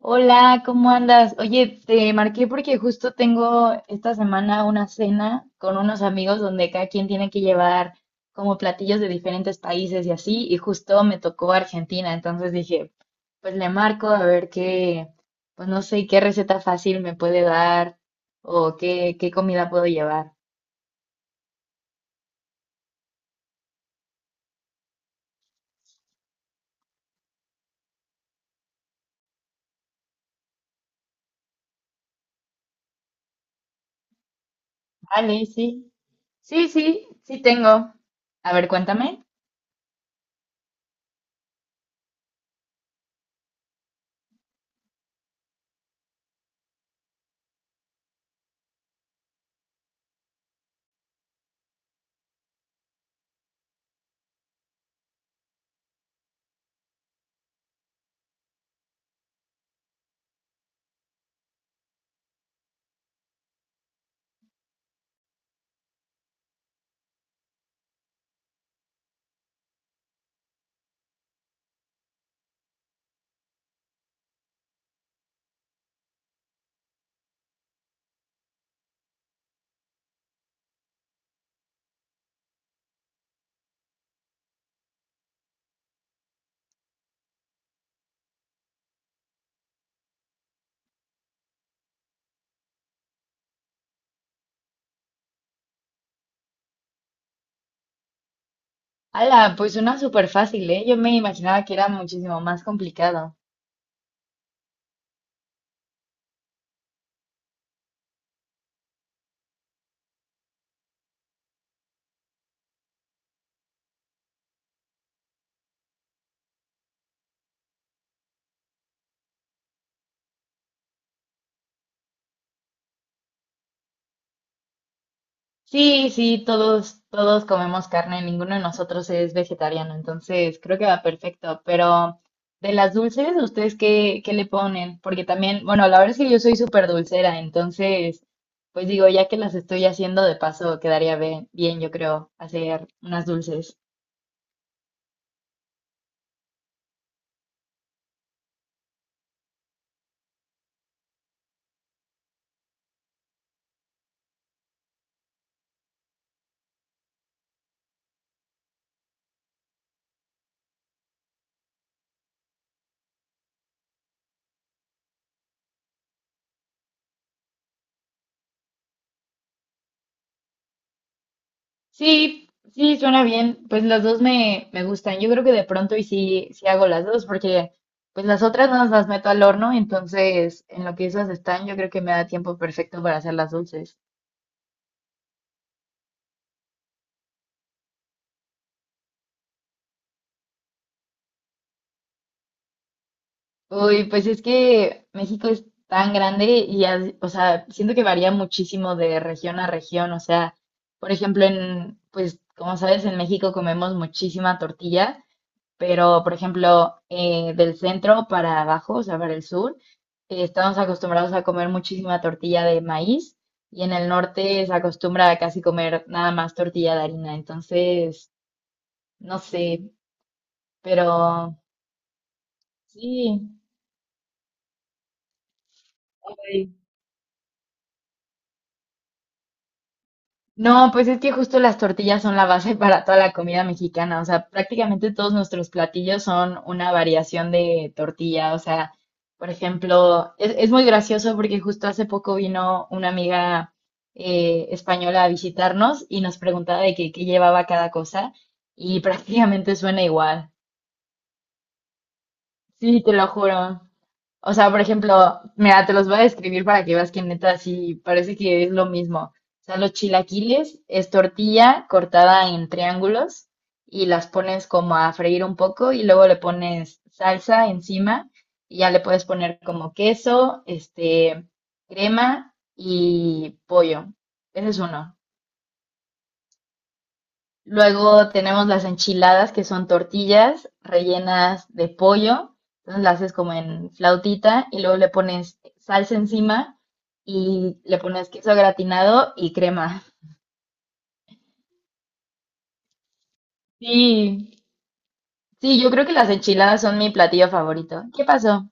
Hola, ¿cómo andas? Oye, te marqué porque justo tengo esta semana una cena con unos amigos donde cada quien tiene que llevar como platillos de diferentes países y así, y justo me tocó Argentina, entonces dije, pues le marco a ver qué, pues no sé qué receta fácil me puede dar o qué, comida puedo llevar. Vale, sí, sí tengo. A ver, cuéntame. Ala, pues una súper fácil, ¿eh? Yo me imaginaba que era muchísimo más complicado. Sí, sí, todos, comemos carne, ninguno de nosotros es vegetariano, entonces creo que va perfecto. Pero de las dulces, ¿ustedes qué, le ponen? Porque también, bueno, la verdad es que yo soy súper dulcera, entonces, pues digo, ya que las estoy haciendo de paso, quedaría bien, yo creo, hacer unas dulces. Sí, sí, suena bien. Pues las dos me, gustan. Yo creo que de pronto y sí, sí hago las dos, porque pues las otras no las meto al horno, entonces en lo que esas están, yo creo que me da tiempo perfecto para hacer las dulces. Uy, pues es que México es tan grande y, o sea, siento que varía muchísimo de región a región. O sea, por ejemplo, pues como sabes, en México comemos muchísima tortilla. Pero, por ejemplo, del centro para abajo, o sea, para el sur, estamos acostumbrados a comer muchísima tortilla de maíz y en el norte se acostumbra a casi comer nada más tortilla de harina. Entonces, no sé, pero sí. No, pues es que justo las tortillas son la base para toda la comida mexicana, o sea, prácticamente todos nuestros platillos son una variación de tortilla, o sea, por ejemplo, es, muy gracioso porque justo hace poco vino una amiga española a visitarnos y nos preguntaba de qué llevaba cada cosa y prácticamente suena igual, sí, te lo juro. O sea, por ejemplo, mira, te los voy a describir para que veas que neta sí parece que es lo mismo. O sea, los chilaquiles es tortilla cortada en triángulos y las pones como a freír un poco y luego le pones salsa encima y ya le puedes poner como queso, este, crema y pollo. Ese es uno. Luego tenemos las enchiladas, que son tortillas rellenas de pollo. Entonces las haces como en flautita y luego le pones salsa encima y le pones queso gratinado y crema. Sí, sí, yo creo que las enchiladas son mi platillo favorito. ¿Qué pasó?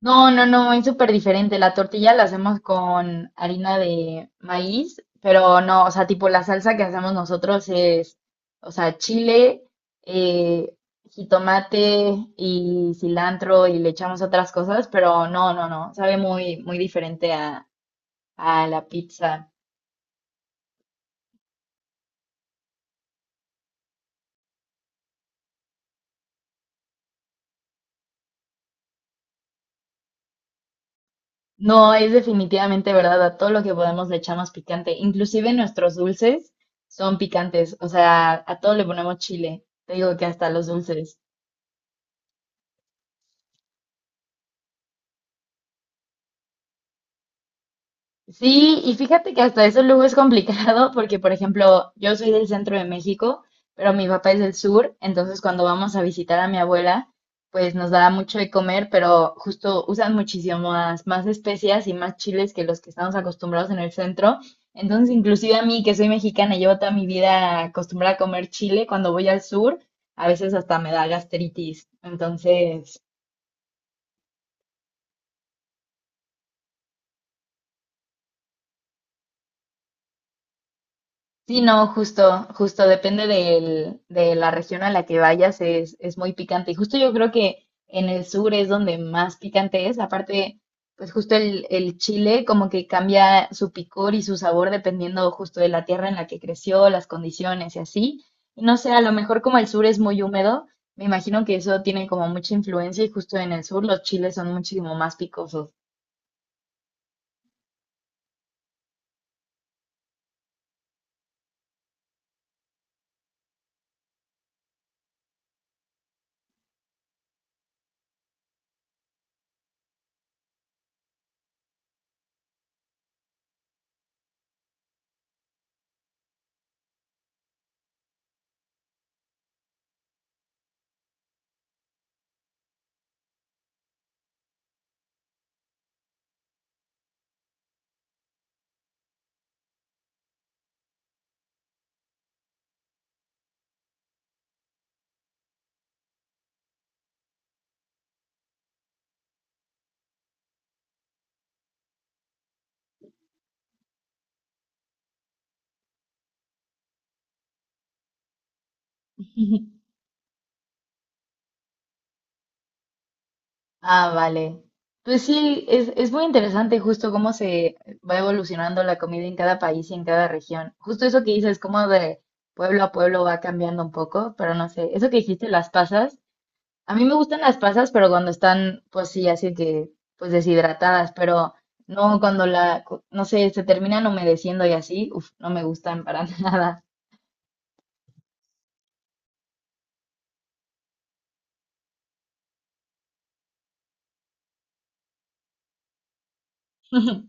No, no, no, es súper diferente. La tortilla la hacemos con harina de maíz, pero no, o sea, tipo la salsa que hacemos nosotros es, o sea, chile, eh, jitomate y cilantro y le echamos otras cosas, pero no, no, no, sabe muy, diferente a, la pizza. No, es definitivamente verdad, a todo lo que podemos le echamos picante. Inclusive nuestros dulces son picantes, o sea, a todo le ponemos chile. Te digo que hasta los dulces. Sí, y fíjate que hasta eso luego es complicado porque, por ejemplo, yo soy del centro de México, pero mi papá es del sur, entonces cuando vamos a visitar a mi abuela, pues nos da mucho de comer, pero justo usan muchísimas más especias y más chiles que los que estamos acostumbrados en el centro. Entonces, inclusive a mí, que soy mexicana y llevo toda mi vida acostumbrada a comer chile, cuando voy al sur, a veces hasta me da gastritis. Entonces... Sí, no, justo, depende de la región a la que vayas, es, muy picante. Y justo yo creo que en el sur es donde más picante es. Aparte, pues justo el, chile como que cambia su picor y su sabor dependiendo justo de la tierra en la que creció, las condiciones y así. Y no sé, a lo mejor como el sur es muy húmedo, me imagino que eso tiene como mucha influencia y justo en el sur los chiles son muchísimo más picosos. Ah, vale. Pues sí, es, muy interesante justo cómo se va evolucionando la comida en cada país y en cada región. Justo eso que dices, cómo de pueblo a pueblo va cambiando un poco, pero no sé, eso que dijiste, las pasas, a mí me gustan las pasas, pero cuando están, pues sí, así que, pues deshidratadas, pero no cuando no sé, se terminan humedeciendo y así, uf, no me gustan para nada.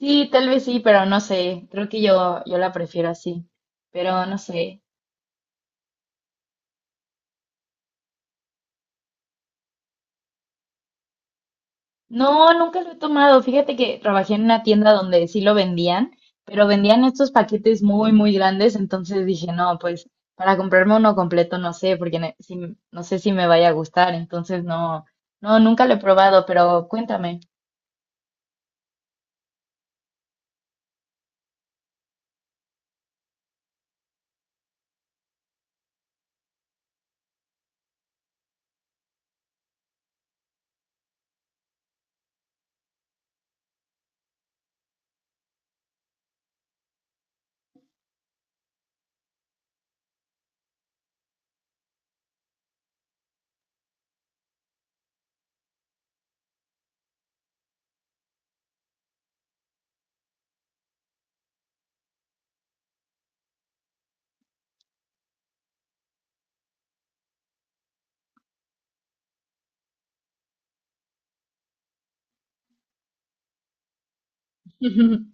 Sí, tal vez sí, pero no sé, creo que yo, la prefiero así, pero no sé. No, nunca lo he tomado. Fíjate que trabajé en una tienda donde sí lo vendían, pero vendían estos paquetes muy, grandes. Entonces dije, no, pues para comprarme uno completo no sé, porque no sé si me vaya a gustar. Entonces no, no, nunca lo he probado, pero cuéntame. Ujú.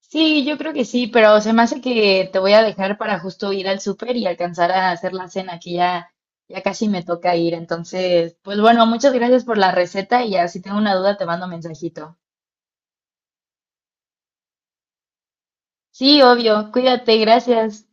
Sí, yo creo que sí, pero se me hace que te voy a dejar para justo ir al súper y alcanzar a hacer la cena, que ya, ya casi me toca ir. Entonces, pues bueno, muchas gracias por la receta y ya si tengo una duda te mando mensajito. Sí, obvio. Cuídate, gracias.